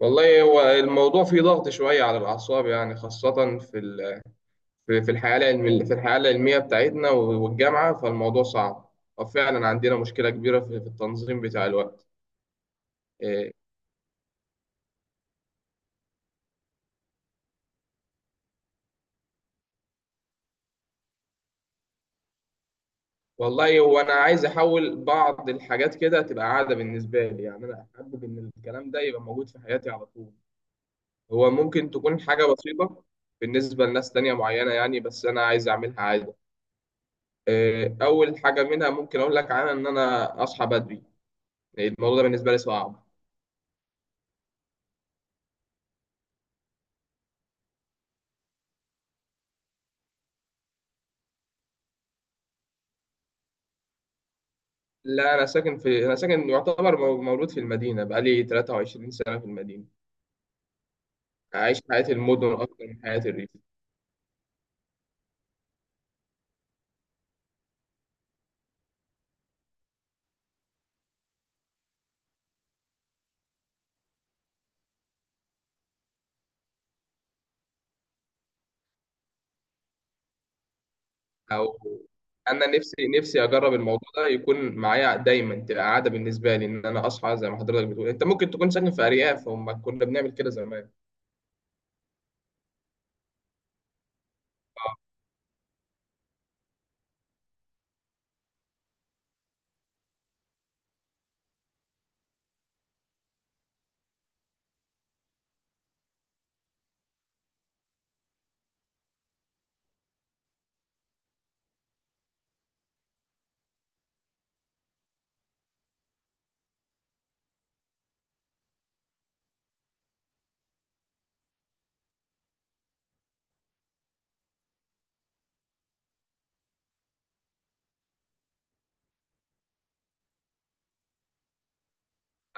والله هو الموضوع فيه ضغط شوية على الأعصاب يعني خاصة في الحياة العلمية. بتاعتنا والجامعة فالموضوع صعب. وفعلا عندنا مشكلة كبيرة في التنظيم بتاع الوقت. إيه، والله هو أنا عايز أحول بعض الحاجات كده تبقى عادة بالنسبة لي، يعني أنا أحبب إن الكلام ده يبقى موجود في حياتي على طول. هو ممكن تكون حاجة بسيطة بالنسبة لناس تانية معينة يعني، بس أنا عايز أعملها عادة. أول حاجة منها ممكن أقول لك عنها إن أنا أصحى بدري. الموضوع ده بالنسبة لي صعب. لا، أنا ساكن في، أنا ساكن يعتبر مولود في المدينة، بقالي 23 سنة في المدينة. أعيش حياة المدن أكتر من حياة الريف. أو أنا نفسي نفسي أجرب الموضوع ده يكون معايا دايما تبقى عادة بالنسبة لي، إن أنا أصحى زي ما حضرتك بتقول. أنت ممكن تكون ساكن في أرياف، هم كنا بنعمل كده زمان.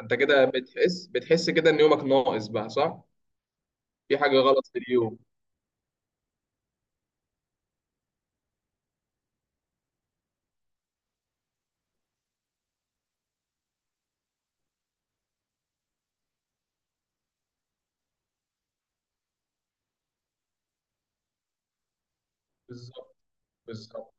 أنت كده بتحس كده إن يومك ناقص بقى، صح؟ في حاجة غلط في اليوم. بالظبط، بالظبط.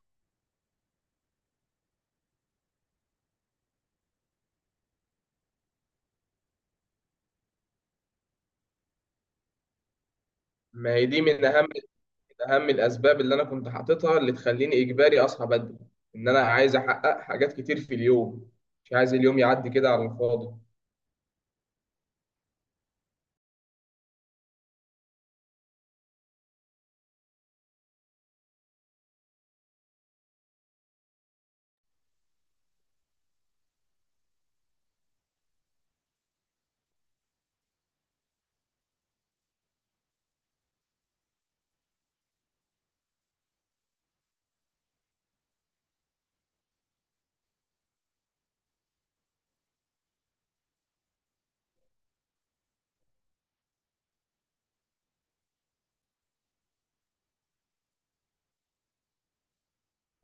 ما هي دي من أهم، اهم الاسباب اللي انا كنت حاططها، اللي تخليني اجباري اصحى بدري. ان انا عايز احقق حاجات كتير في اليوم، مش عايز اليوم يعدي كده على الفاضي.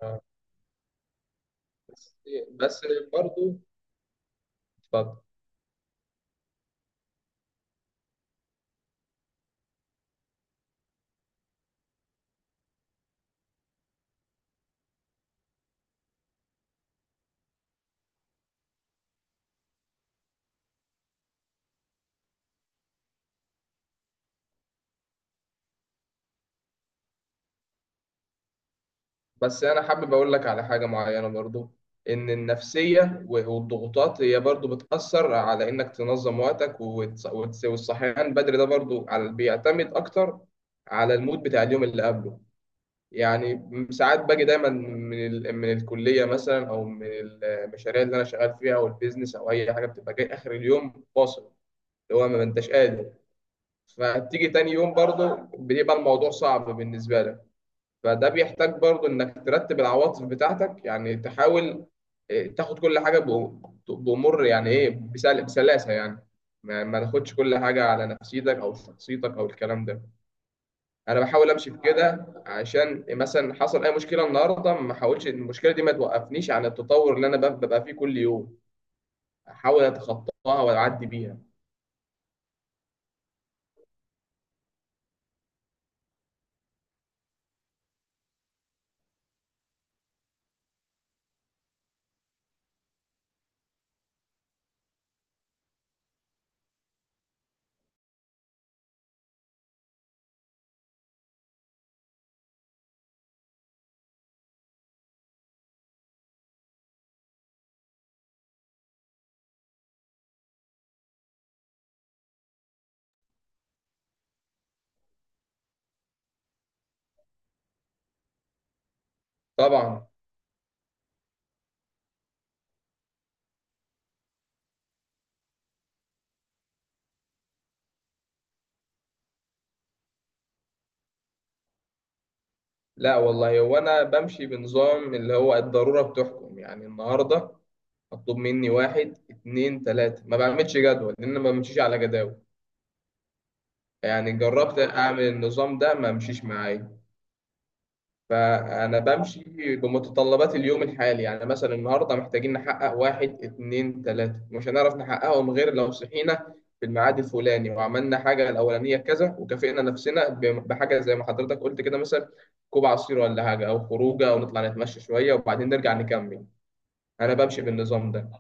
آه. بس، بس برضو، اتفضل. بس انا حابب اقول لك على حاجه معينه برضو. ان النفسيه والضغوطات هي برضو بتاثر على انك تنظم وقتك والصحيان بدري ده برضو بيعتمد اكتر على المود بتاع اليوم اللي قبله. يعني ساعات باجي دايما من الكليه مثلا، او من المشاريع اللي انا شغال فيها او البيزنس او اي حاجه، بتبقى جاي اخر اليوم فاصل اللي هو ما انتش قادر. فتيجي تاني يوم برضه بيبقى الموضوع صعب بالنسبه لك. فده بيحتاج برضه انك ترتب العواطف بتاعتك، يعني تحاول، تاخد كل حاجه بامور يعني ايه، بسلاسه يعني. ما تاخدش كل حاجه على نفسيتك او شخصيتك او الكلام ده. انا بحاول امشي في كده، عشان مثلا حصل اي مشكله النهارده، ما احاولش المشكله دي ما توقفنيش عن التطور اللي انا ببقى فيه كل يوم. احاول اتخطاها واعدي بيها. طبعا. لا والله، هو انا بمشي بنظام اللي هو الضروره بتحكم، يعني النهارده مطلوب مني واحد اتنين تلاته، ما بعملش جدول لان أنا ما بمشيش على جداول. يعني جربت اعمل النظام ده، ما مشيش معايا. فأنا بمشي بمتطلبات اليوم الحالي، يعني مثلا النهاردة محتاجين نحقق واحد اتنين تلاتة، مش هنعرف نحققهم غير لو صحينا في الميعاد الفلاني، وعملنا حاجة الأولانية كذا، وكافئنا نفسنا بحاجة زي ما حضرتك قلت كده، مثلا كوب عصير ولا حاجة، أو خروجة، أو نطلع نتمشى شوية وبعدين نرجع نكمل. أنا بمشي بالنظام ده.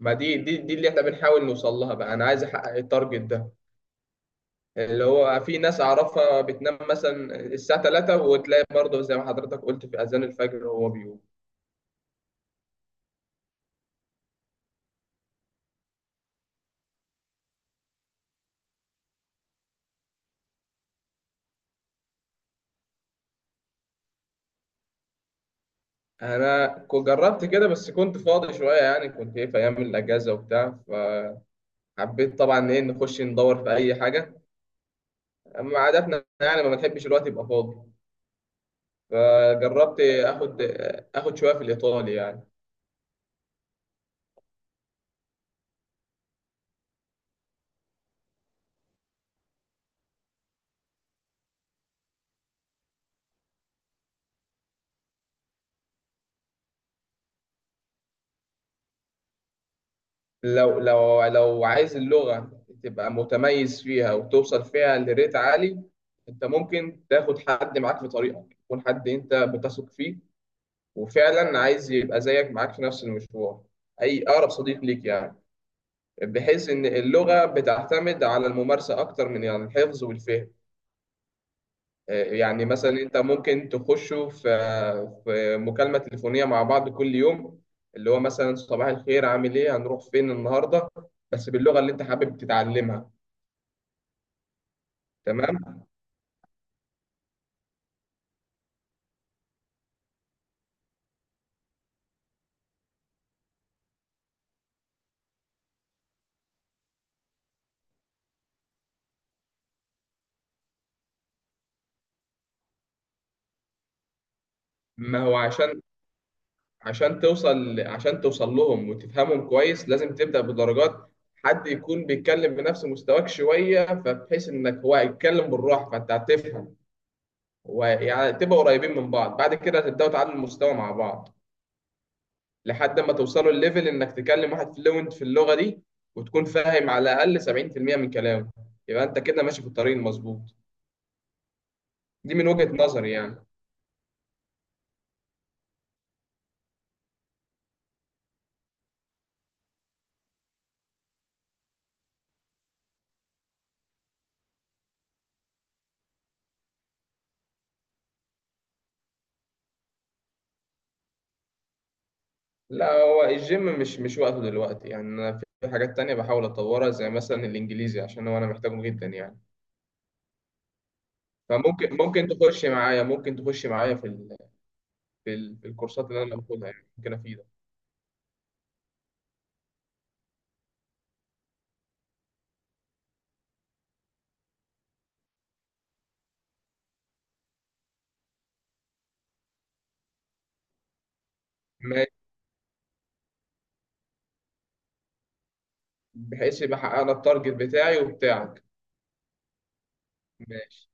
ما دي اللي إحنا بنحاول نوصل لها بقى. أنا عايز أحقق التارجت ده، اللي هو في ناس أعرفها بتنام مثلا الساعة 3، وتلاقي برضه زي ما حضرتك قلت في أذان الفجر وهو بيقوم. انا جربت كده، بس كنت فاضي شويه يعني، كنت ايه، في ايام الاجازه وبتاع، فحبيت طبعا ايه نخش ندور في اي حاجه. اما عاداتنا يعني ما بنحبش الوقت يبقى فاضي. فجربت اخد، اخد شويه في الايطالي يعني. لو عايز اللغه تبقى متميز فيها وتوصل فيها لريت عالي، انت ممكن تاخد حد معاك في طريقك، يكون حد انت بتثق فيه وفعلا عايز يبقى زيك معاك في نفس المشوار، اي اقرب صديق ليك يعني. بحيث ان اللغه بتعتمد على الممارسه اكتر من يعني الحفظ والفهم. يعني مثلا انت ممكن تخشوا في مكالمه تليفونيه مع بعض كل يوم، اللي هو مثلا صباح الخير، عامل ايه، هنروح فين النهارده، بس باللغه اللي انت حابب تتعلمها. تمام. ما هو عشان، عشان توصل لهم وتفهمهم كويس، لازم تبدا بدرجات. حد يكون بيتكلم بنفس مستواك شويه، فبحيث انك هو هيتكلم بالراحه فانت هتفهم، ويعني تبقى قريبين من بعض. بعد كده هتبداوا تعلوا المستوى مع بعض، لحد ما توصلوا الليفل انك تكلم واحد فلوينت في اللغه دي، وتكون فاهم على الاقل 70% من كلامه. يبقى انت كده ماشي في الطريق المظبوط. دي من وجهة نظري يعني. لا، هو الجيم مش، مش وقته دلوقتي يعني، انا في حاجات تانية بحاول اطورها زي مثلا الانجليزي عشان هو انا محتاجه جدا يعني. فممكن، ممكن تخش معايا، ممكن تخش معايا في الكورسات اللي انا باخدها، يعني ممكن افيدك. ماشي. بحيث يبقى حققنا التارجت بتاعي وبتاعك. ماشي.